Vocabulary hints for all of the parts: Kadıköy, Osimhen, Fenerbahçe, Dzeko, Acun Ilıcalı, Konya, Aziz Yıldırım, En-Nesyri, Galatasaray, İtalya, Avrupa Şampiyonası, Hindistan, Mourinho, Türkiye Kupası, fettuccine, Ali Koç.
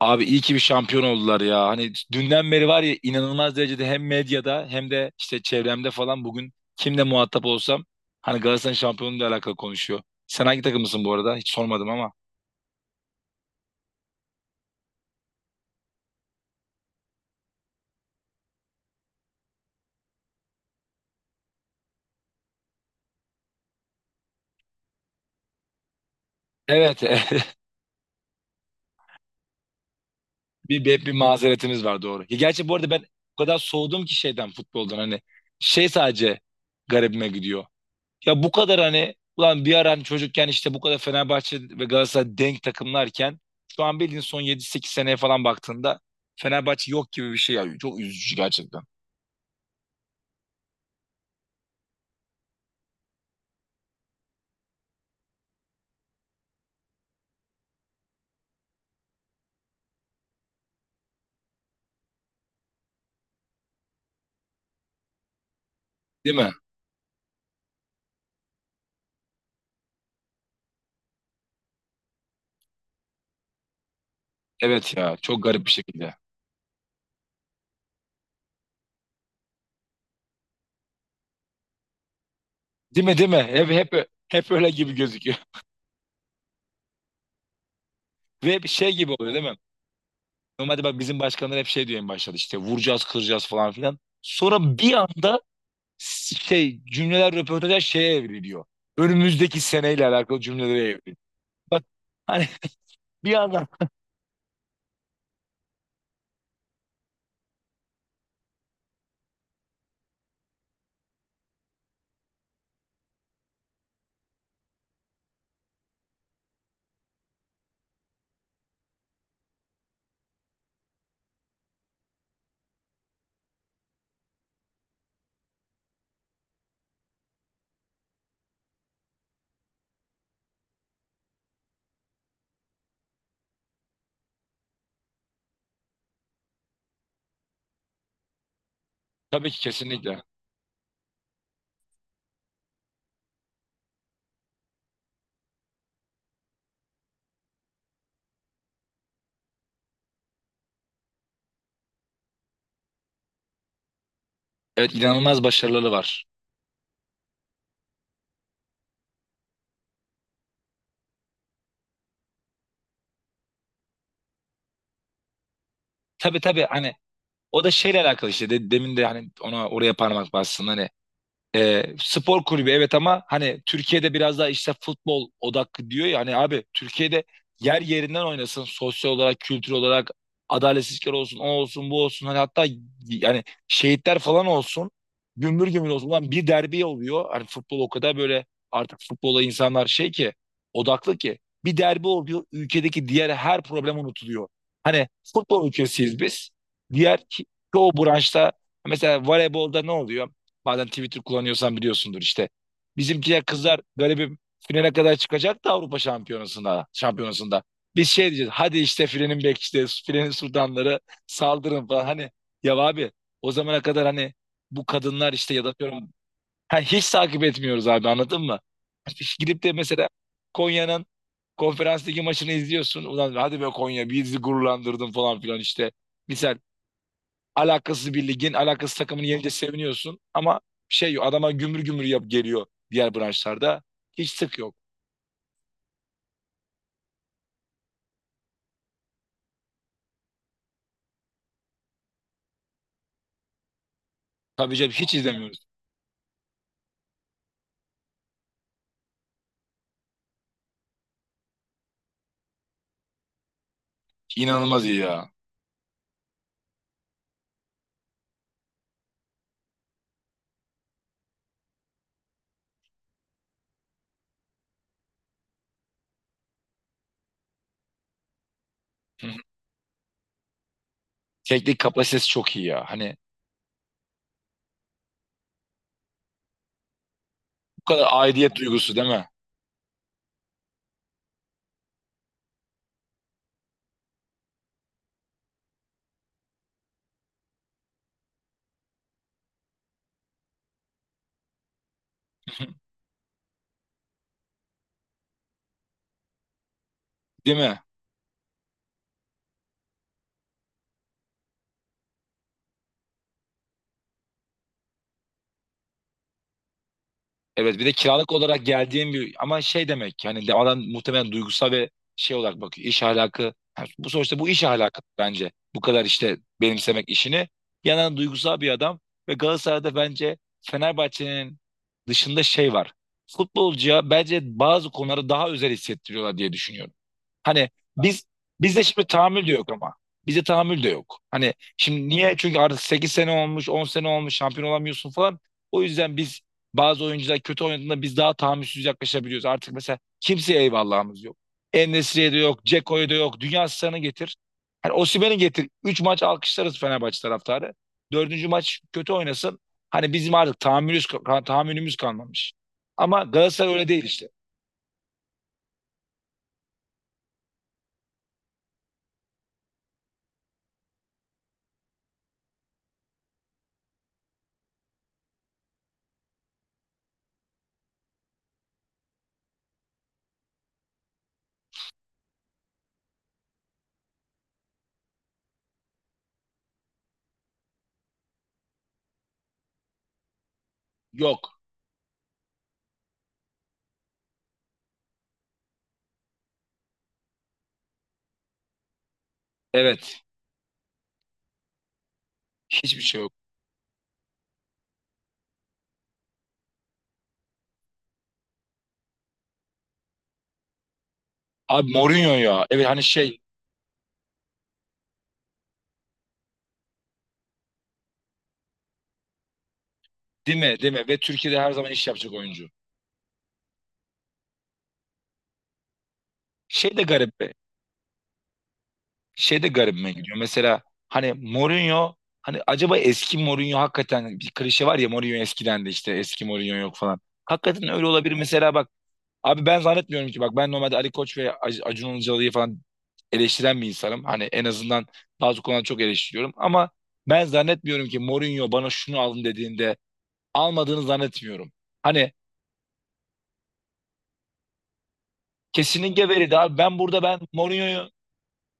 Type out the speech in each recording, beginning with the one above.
Abi iyi ki bir şampiyon oldular ya. Hani dünden beri var ya inanılmaz derecede hem medyada hem de işte çevremde falan bugün kimle muhatap olsam hani Galatasaray'ın şampiyonluğuyla alakalı konuşuyor. Sen hangi takımısın bu arada? Hiç sormadım ama. Evet. Bir mazeretimiz var doğru. Ya gerçi bu arada ben o kadar soğudum ki şeyden futboldan hani şey sadece garibime gidiyor. Ya bu kadar hani ulan bir ara hani çocukken işte bu kadar Fenerbahçe ve Galatasaray denk takımlarken şu an bildiğin son yedi sekiz seneye falan baktığında Fenerbahçe yok gibi bir şey ya. Çok üzücü gerçekten. Değil mi? Evet ya çok garip bir şekilde. Değil mi değil mi? Hep öyle gibi gözüküyor. Ve bir şey gibi oluyor değil mi? Normalde bak bizim başkanlar hep şey diyor en başta işte vuracağız kıracağız falan filan. Sonra bir anda şey cümleler röportajlar şeye evriliyor. Önümüzdeki seneyle alakalı cümlelere evriliyor. Bak hani bir anda. Tabii ki kesinlikle. Evet inanılmaz başarıları var. Tabii tabii hani o da şeyle alakalı işte demin de hani ona oraya parmak bastın hani. E, spor kulübü evet ama hani Türkiye'de biraz daha işte futbol odaklı diyor ya hani abi Türkiye'de yer yerinden oynasın sosyal olarak kültür olarak adaletsizlikler olsun o olsun bu olsun hani hatta yani şehitler falan olsun gümbür gümbür olsun. Ulan bir derbi oluyor hani futbol o kadar böyle artık futbola insanlar şey ki odaklı ki bir derbi oluyor ülkedeki diğer her problem unutuluyor hani futbol ülkesiyiz biz diğer çoğu branşta mesela voleybolda ne oluyor. Bazen Twitter kullanıyorsan biliyorsundur işte. Bizimkiler kızlar galibim finale kadar çıkacak da Avrupa Şampiyonası'nda. Şampiyonası'nda. Biz şey diyeceğiz. Hadi işte filenin bek işte filenin sultanları saldırın falan. Hani ya abi o zamana kadar hani bu kadınlar işte ya da diyorum, ha, hiç takip etmiyoruz abi anladın mı? Hiç gidip de mesela Konya'nın konferans ligi maçını izliyorsun. Ulan hadi be Konya bizi gururlandırdın falan filan işte. Misal alakasız bir ligin, alakasız takımını yenince seviniyorsun ama şey yok, adama gümür gümür yap geliyor diğer branşlarda. Hiç sık yok. Tabii canım hiç izlemiyoruz. İnanılmaz iyi ya. Hı hı. Teknik kapasitesi çok iyi ya. Hani bu kadar aidiyet duygusu değil mi? Hı hı. Değil mi? Evet bir de kiralık olarak geldiğim bir ama şey demek ki, hani de adam muhtemelen duygusal ve şey olarak bakıyor iş ahlakı yani bu sonuçta bu iş ahlakı bence bu kadar işte benimsemek işini yanan duygusal bir adam ve Galatasaray'da bence Fenerbahçe'nin dışında şey var futbolcuya bence bazı konuları daha özel hissettiriyorlar diye düşünüyorum. Hani biz bizde şimdi tahammül de yok ama. Bizde tahammül de yok. Hani şimdi niye? Çünkü artık 8 sene olmuş, 10 sene olmuş, şampiyon olamıyorsun falan. O yüzden biz bazı oyuncular kötü oynadığında biz daha tahammülsüz yaklaşabiliyoruz. Artık mesela kimseye eyvallahımız yok. En-Nesyri'ye de yok, Dzeko'ya da yok. Dünya asistanı getir. Hani Osimhen'i getir. 3 maç alkışlarız Fenerbahçe taraftarı. Dördüncü maç kötü oynasın. Hani bizim artık tahammülümüz kalmamış. Ama Galatasaray öyle değil işte. Yok. Evet. Hiçbir şey yok. Abi Mourinho ya. Evet hani şey. Değil mi değil mi? Ve Türkiye'de her zaman iş yapacak oyuncu. Şey de garip be. Şey de garibime gidiyor. Mesela hani Mourinho hani acaba eski Mourinho hakikaten bir klişe var ya Mourinho eskiden de işte eski Mourinho yok falan. Hakikaten öyle olabilir mesela bak. Abi ben zannetmiyorum ki bak ben normalde Ali Koç ve Acun Ilıcalı'yı falan eleştiren bir insanım. Hani en azından bazı konularda çok eleştiriyorum ama ben zannetmiyorum ki Mourinho bana şunu alın dediğinde almadığını zannetmiyorum. Hani kesinlikle veriydi abi. Ben burada Mourinho'yu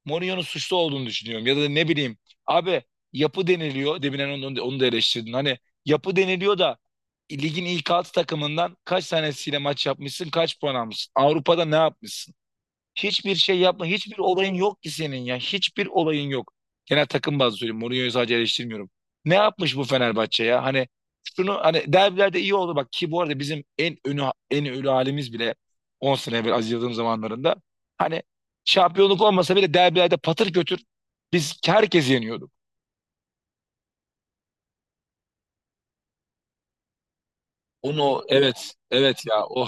Mourinho'nun suçlu olduğunu düşünüyorum. Ya da ne bileyim. Abi yapı deniliyor. Demin onu da eleştirdin. Hani yapı deniliyor da ligin ilk altı takımından kaç tanesiyle maç yapmışsın? Kaç puan almışsın? Avrupa'da ne yapmışsın? Hiçbir şey yapma. Hiçbir olayın yok ki senin ya. Hiçbir olayın yok. Genel takım bazlı söyleyeyim. Mourinho'yu sadece eleştirmiyorum. Ne yapmış bu Fenerbahçe ya? Hani şunu hani derbilerde iyi oldu bak ki bu arada bizim en ölü halimiz bile 10 sene evvel Aziz Yıldırım zamanlarında hani şampiyonluk olmasa bile derbilerde patır götür biz herkesi yeniyorduk. Onu evet evet ya o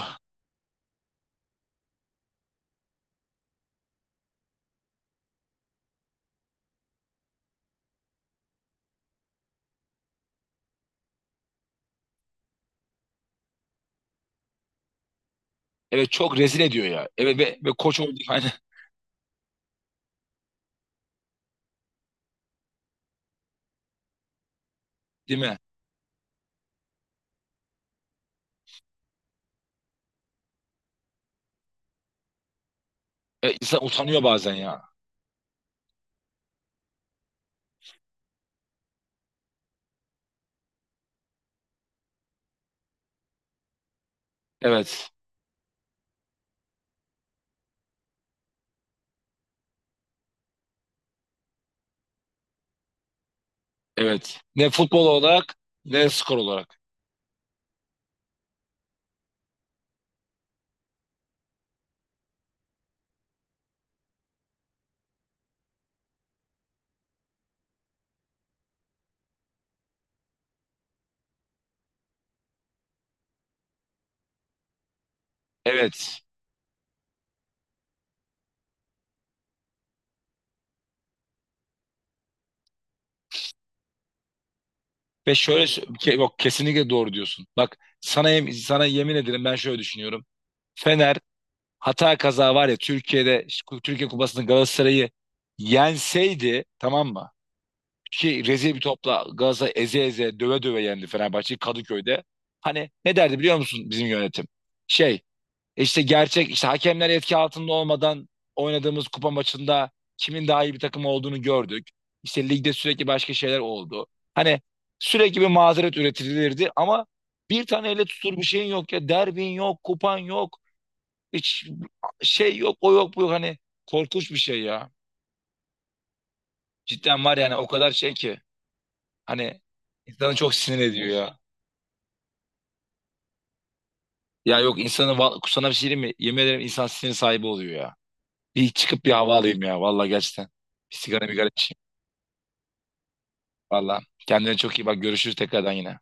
evet çok rezil ediyor ya. Evet ve koç oldu hani değil mi? E, insan utanıyor bazen ya. Evet. Evet. Ne futbol olarak ne skor olarak. Evet. Ve şöyle yok kesinlikle doğru diyorsun. Bak sana sana yemin ederim ben şöyle düşünüyorum. Fener hata kaza var ya Türkiye'de şu Türkiye Kupası'nda Galatasaray'ı yenseydi tamam mı? Ki rezil bir topla Galatasaray eze eze döve döve yendi Fenerbahçe'yi Kadıköy'de. Hani ne derdi biliyor musun bizim yönetim? Şey. İşte gerçek işte hakemler etki altında olmadan oynadığımız kupa maçında kimin daha iyi bir takım olduğunu gördük. İşte ligde sürekli başka şeyler oldu. Hani sürekli bir mazeret üretilirdi ama bir tane elle tutulur bir şeyin yok ya. Derbin yok, kupan yok. Hiç şey yok, o yok, bu yok. Hani korkunç bir şey ya. Cidden var yani o kadar şey ki. Hani insanı çok sinir ediyor ya. Ya yok sana bir şey diyeyim mi? Yemin ederim insan sinir sahibi oluyor ya. Bir çıkıp bir hava alayım ya. Vallahi gerçekten. Bir sigara migara içeyim. Vallahi. Kendine çok iyi bak. Görüşürüz tekrardan yine.